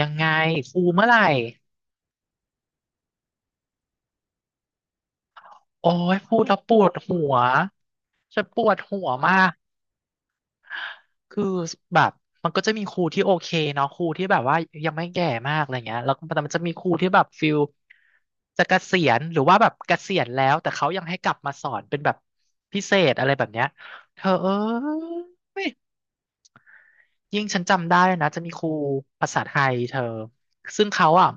ยังไงครูเมื่อไหร่โอ้ยพูดแล้วปวดหัวฉันปวดหัวมากคือแบบมันก็จะมีครูที่โอเคเนาะครูที่แบบว่ายังไม่แก่มากอะไรเงี้ยแล้วก็แต่มันจะมีครูที่แบบฟิลจะเกษียณหรือว่าแบบเกษียณแล้วแต่เขายังให้กลับมาสอนเป็นแบบพิเศษอะไรแบบเนี้ยเธอเอ้ย ยิ่งฉันจำได้นะ จะมีครูภาษาไทยเธอ ซึ่งเขาอ่ะ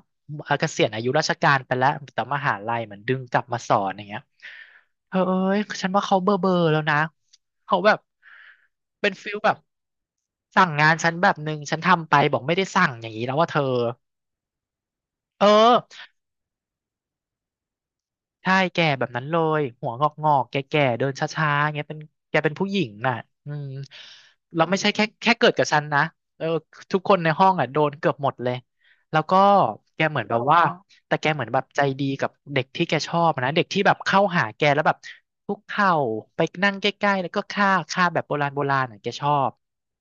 เเกษียณอายุราชการไปแล้วแต่มหาลัยเหมือนดึงกลับมาสอนอย่างเงี้ยเธอเอ้ยฉันว่าเขาเบอร์เบอร์แล้วนะเขาแบบเป็นฟิลแบบสั่งงานฉันแบบหนึ่งฉันทำไปบอกไม่ได้สั่งอย่างนี้แล้วว่าเธอเออ ใช่แก่แบบนั้นเลยหัวงอกงอกแก่ๆเดินช้าๆอย่างเงี้ยเป็นแกเป็นผู้หญิงน่ะอืมเราไม่ใช่แค่เกิดกับฉันนะเออทุกคนในห้องอ่ะโดนเกือบหมดเลยแล้วก็แกเหมือนแบบว่าแต่แกเหมือนแบบใจดีกับเด็กที่แกชอบนะเด็กที่แบบเข้าหาแกแล้วแบบคุกเข่าไปนั่งใกล้ๆแล้วก็ค่าค่าแบบโบราณโบราณอ่ะแกชอบ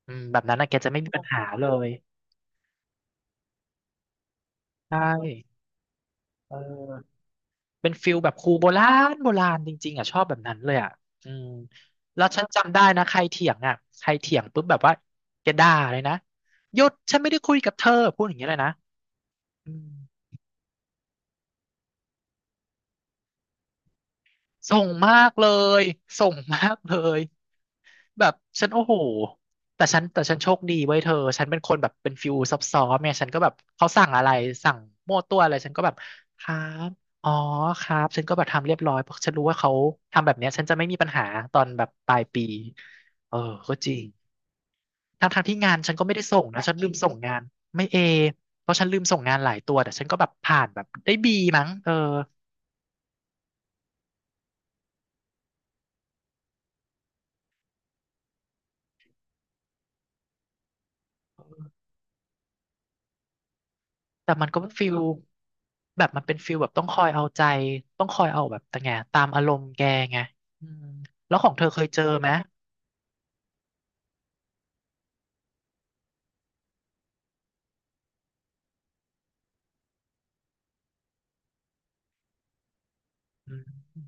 อืมแบบนั้นอ่ะแกจะไม่มีปัญหาเลยใช่เออ เป็นฟิลแบบครูโบราณโบราณจริงๆอ่ะชอบแบบนั้นเลยอ่ะอืมแล้วฉันจำได้นะใครเถียงอ่ะใครเถียงปุ๊บแบบว่าแกด่าเลยนะหยุดฉันไม่ได้คุยกับเธอพูดอย่างเงี้ยเลยนะอืมส่งมากเลยส่งมากเลย แบบฉันโอ้โห แต่ฉันโชคดีไว้ยเธอฉันเป็นคนแบบเป็นฟิวซับซ้อนเนี่ยฉันก็แบบเขาสั่งอะไรสั่งมั่วตัวอะไรฉันก็แบบครับอ๋อครับฉันก็แบบทำเรียบร้อยเพราะฉันรู้ว่าเขาทำแบบเนี้ยฉันจะไม่มีปัญหาตอนแบบปลายปีเออก็จริงทั้งทางที่งานฉันก็ไม่ได้ส่งนะฉันลืมส่งงานไม่เอเพราะฉันลืมส่งงานหลายตัวแต่ฉันก็แบบผ่านแบบได้บีมั้งเออ แต่มันก็ฟิลแบบมันเป็นฟิลแบบต้องคอยเอาใจต้องคอยเอาแบบแต่ไงตามอารมณ์แกไงอืมแล้วของเธอเคยเจอไหมอืม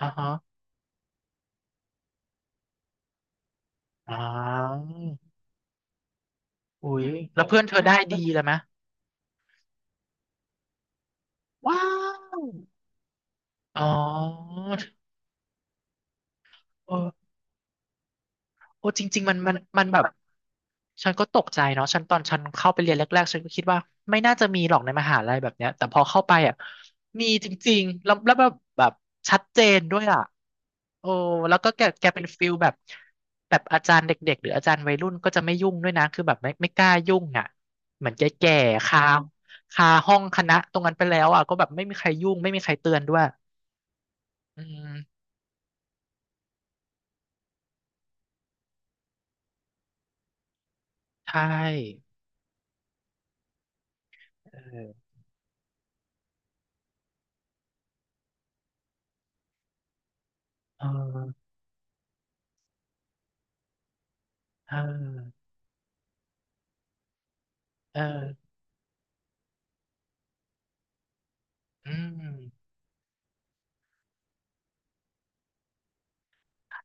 อ่าฮะอ่าอุ้ยแล้วเพื่อนเธอได้ดีเลยไหมว้าวอ๋อเออโอ้จริงๆมันแบบ ฉันก็ตกใจเนาะฉันตอนฉันเข้าไปเรียนแรกๆฉันก็คิดว่าไม่น่าจะมีหรอกในมหาลัยแบบเนี้ยแต่พอเข้าไปอ่ะมีจริงๆแล้วแล้วแบบแบบชัดเจนด้วยอ่ะโอ้แล้วก็แกแกเป็นฟิลแบบแบบอาจารย์เด็กๆหรืออาจารย์วัยรุ่นก็จะไม่ยุ่งด้วยนะคือแบบไม่กล้ายุ่งอ่ะเหมือนแก่ๆคาคาห้องคณะตรงนั้นไปแล้วอ่ะก็แบบไม่มีใครยุ่งไม่มีใครเตือนด้วยอืมใช่เออเออเออเอออืม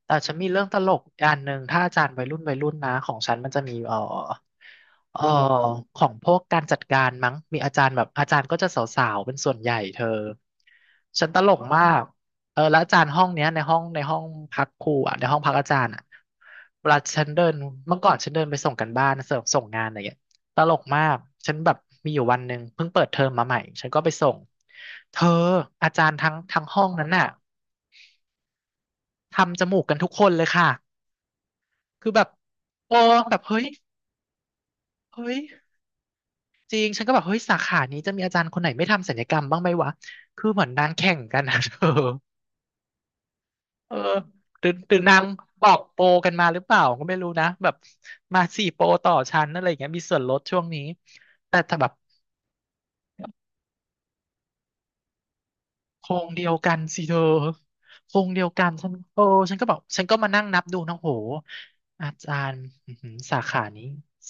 แต่ฉันมีเรื่องตลกอันหนึ่งถ้าอาจารย์วัยรุ่นวัยรุ่นนะของฉันมันจะมีเอ่อของพวกการจัดการมั้งมีอาจารย์แบบอาจารย์ก็จะสาวๆเป็นส่วนใหญ่เธอฉันตลกมากเออแล้วอาจารย์ห้องเนี้ยในห้องพักครูอ่ะในห้องพักอาจารย์อ่ะเวลาฉันเดินเมื่อก่อนฉันเดินไปส่งกันบ้านส่งงานอะไรเงี้ยตลกมากฉันแบบมีอยู่วันหนึ่งเพิ่งเปิดเทอมมาใหม่ฉันก็ไปส่งเธออาจารย์ทั้งห้องนั้นน่ะทำจมูกกันทุกคนเลยค่ะ คือแบบโอ้แบบเฮ้ยเฮ้ยจริงฉันก็แบบเฮ้ยสาขานี้จะมีอาจารย์คนไหนไม่ทำศัลยกรรมบ้างไหมวะคือเหมือนนางแข่งกันนะ เธอเออหรือนางบอกโปรกันมาหรือเปล่าก็ไม่รู้นะแบบมาสี่โปรต่อชั้นอะไรอย่างเงี้ยมีส่วนลดช่วงนี้แต่แบบโครงเดียวกันสิเธอโครงเดียวกันฉันโอ้ฉันก็บอกฉันก็มานั่งนับดูนะโหอาจารย์อื้อหือสาขานี้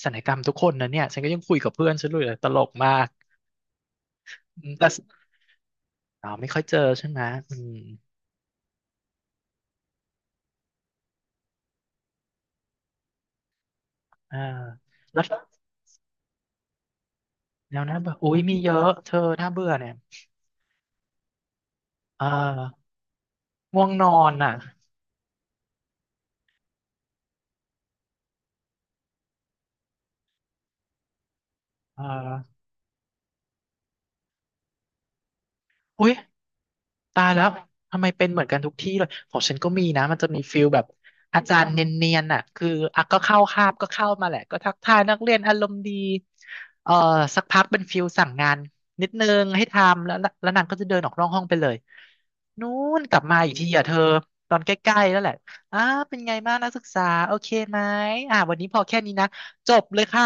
ศัลยกรรมทุกคนนะเนี่ยฉันก็ยังคุยกับเพื่อนฉันเลยตลกมากอืมแต่ อ๋อไม่ค่อยเจอใช่ไหมอืมอ่าแล้วแนวน่าเบื่ออุ้ยมีเยอะเธอน่าเบื่อเนี่ยเอ่อง่วงนอนอ่ะเอ่ออุ้ย ตายแล้วทำไมเป็นเหมือนกันทุกที่เลยของฉันก็มีนะมันจะมีฟิลแบบอาจารย์เนียนๆน่ะคืออ่ะก็เข้าคาบก็เข้ามาแหละก็ทักทายนักเรียนอารมณ์ดีเอ่อสักพักเป็นฟิลสั่งงานนิดนึงให้ทำแล้วแล้วนางก็จะเดินออกนอกห้องไปเลยนู้นกลับมาอีกทีอ่ะเธอตอนใกล้ๆแล้วแหละอ้าเป็นไงบ้างนักศึกษาโอเคไหมอ่าวันนี้พอแค่นี้นะจบเลยค่ะ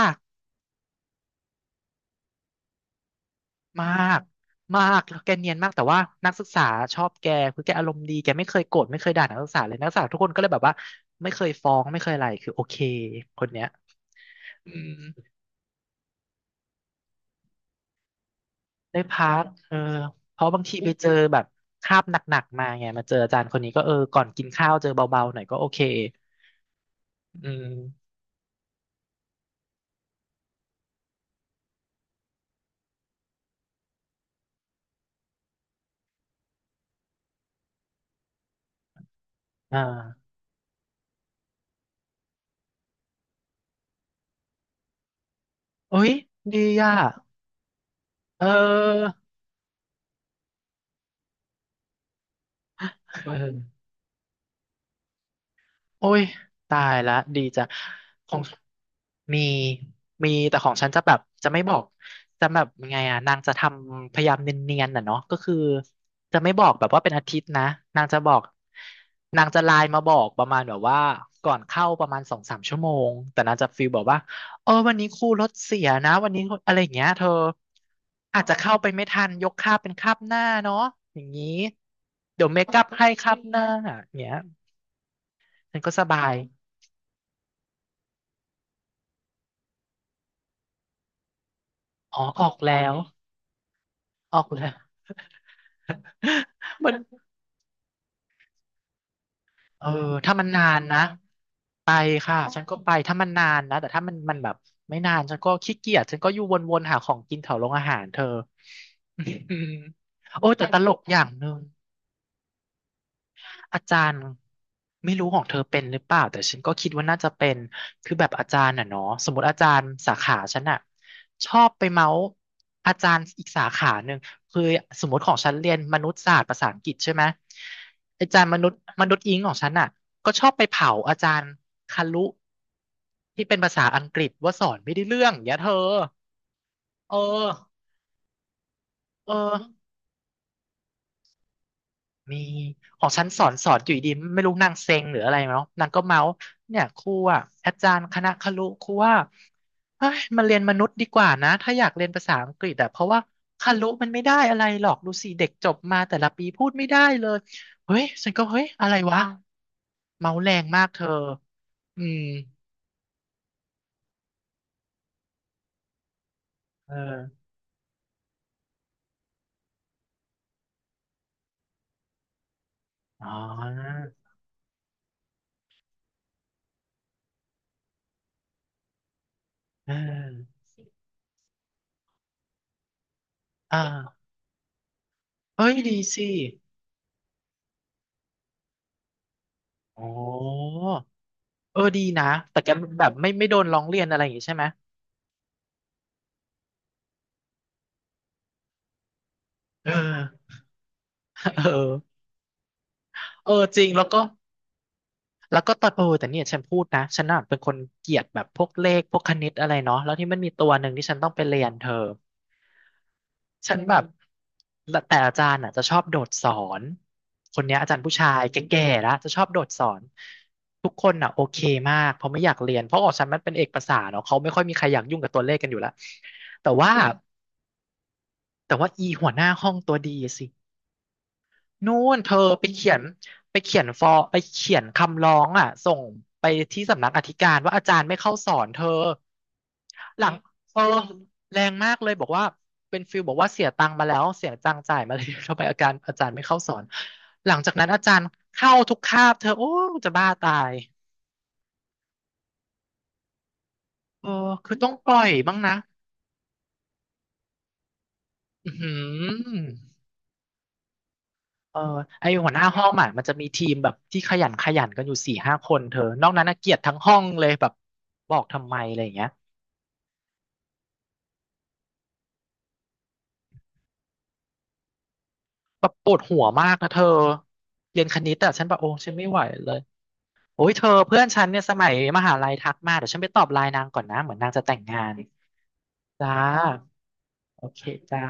มากมากแล้วแกเนียนมากแต่ว่านักศึกษาชอบแกคือแกอารมณ์ดีแกไม่เคยโกรธไม่เคยด่านักศึกษาเลยนักศึกษาทุกคนก็เลยแบบว่าไม่เคยฟ้องไม่เคยอะไรคือโอเคคนเนี้ยอืมได้พักเออเพราะบางทีไปเจอแบบคาบหนักๆมาไงมาเจออาจารย์คนนี้ก็เออก่อนกินข้าวเจอเบาๆหน่อยก็โอเคอืมอ่าโอ้ยดีอ่ะเออเออ โอ้ยตายละดีจังของมีมีแต่ของฉันจะแบบจะไม่บอกจะแบบยังไงอ่ะนางจะทำพยายามเนียนๆน่ะเนาะก็คือจะไม่บอกแบบว่าเป็นอาทิตย์นะนางจะบอกนางจะไลน์มาบอกประมาณแบบว่า ก่อนเข้าประมาณสองสามชั่วโมงแต่นางจะฟีลบอกว่าเออวันนี้ครูรถเสียนะวันนี้อะไรอย่างเงี้ยเธออาจจะเข้าไปไม่ทันยกคาบเป็นคาบหน้าเนาะอย่างนี้เดี๋ยวเมคอัพให้คาบหน้าอย่างเงี้ยฉันก็สบาย อ๋อออกแล้วออกแล้ว มันเออถ้ามันนานนะไปค่ะฉันก็ไปถ้ามันนานนะแต่ถ้ามันแบบไม่นานฉันก็ขี้เกียจฉันก็อยู่วนๆหาของกินแถวโรงอาหารเธอ โอ้แต่ตลกอย่างหนึ่ง อาจารย์ไม่รู้ของเธอเป็นหรือเปล่าแต่ฉันก็คิดว่าน่าจะเป็นคือแบบอาจารย์น่ะเนาะสมมติอาจารย์สาขาฉันน่ะชอบไปเมาส์อาจารย์อีกสาขาหนึ่งคือสมมติของฉันเรียนมนุษยศาสตร์ภาษาอังกฤษใช่ไหมอาจารย์มนุษย์อิงของฉันน่ะก็ชอบไปเผาอาจารย์คารุที่เป็นภาษาอังกฤษว่าสอนไม่ได้เรื่องอย่างเงี้ยเธอเออเออ มีของฉันสอนอยู่ดีๆไม่รู้นางเซ็งหรืออะไรเนาะนางก็เมาส์เนี่ยครูอ่ะอาจารย์คณะครุครูว่าเฮ้ยมาเรียนมนุษย์ดีกว่านะถ้าอยากเรียนภาษาอังกฤษอะเพราะว่าครุมันไม่ได้อะไรหรอกดูสิเด็กจบมาแต่ละปีพูดไม่ได้เลยเฮ้ยฉันก็เฮ้ยอะไรวะเมาส์แรงมากเธออืมเอออ๋อเอออ่าเอ้ยดีสิโอ้เออดีนะแต่แกแบบไม่โดนร้องเรียนอะไรอย่างงี้ใช่ไหม เออ เออเออจริงแล้วก็แล้วก็ตอนเออแต่เนี่ยฉันพูดนะฉันน่ะเป็นคนเกลียดแบบพวกเลขพวกคณิตอะไรเนาะแล้วที่มันมีตัวหนึ่งที่ฉันต้องไปเรียนเธอฉันแบบและแต่อาจารย์อ่ะจะชอบโดดสอนคนเนี้ยอาจารย์ผู้ชายแก่ๆแล้วจะชอบโดดสอนทุกคนอ่ะโอเคมากเพราะไม่อยากเรียนเพราะออกฉันมันเป็นเอกภาษาเนาะเขาไม่ค่อยมีใครอยากยุ่งกับตัวเลขกันอยู่แล้วแต่ว่าอีหัวหน้าห้องตัวดีสิ นู่นเธอไปเขียนไปเขียนฟอร์ไปเขียนคำร้องอ่ะส่งไปที่สำนักอธิการว่าอาจารย์ไม่เข้าสอนเธอหลังเออแรงมากเลยบอกว่าเป็นฟิลบอกว่าเสียตังค์มาแล้วเสียตังค์จ่ายมาเลย ทำไมอาการอาจารย์ไม่เข้าสอนหลังจากนั้นอาจารย์เข้าทุกคาบเธอโอ้จะบ้าตายเออคือต้องปล่อยบ้างนะอือหือเออไอหัวหน้าห้องอ่ะมันจะมีทีมแบบที่ขยันกันอยู่สี่ห้าคนเธอนอกนั้นน่ะเกลียดทั้งห้องเลยแบบบอกทำไมอะไรอย่างเงี้ย แบบปวดหัวมากนะเธอเรียนคณิตอะฉันแบบโอ้ฉันไม่ไหวเลยโอ้ยเธอเพื่อนฉันเนี่ยสมัยมหาลัยทักมาเดี๋ยวฉันไปตอบไลน์นางก่อนนะเหมือนนางจะแต่งงานจ้าโอเคจ้า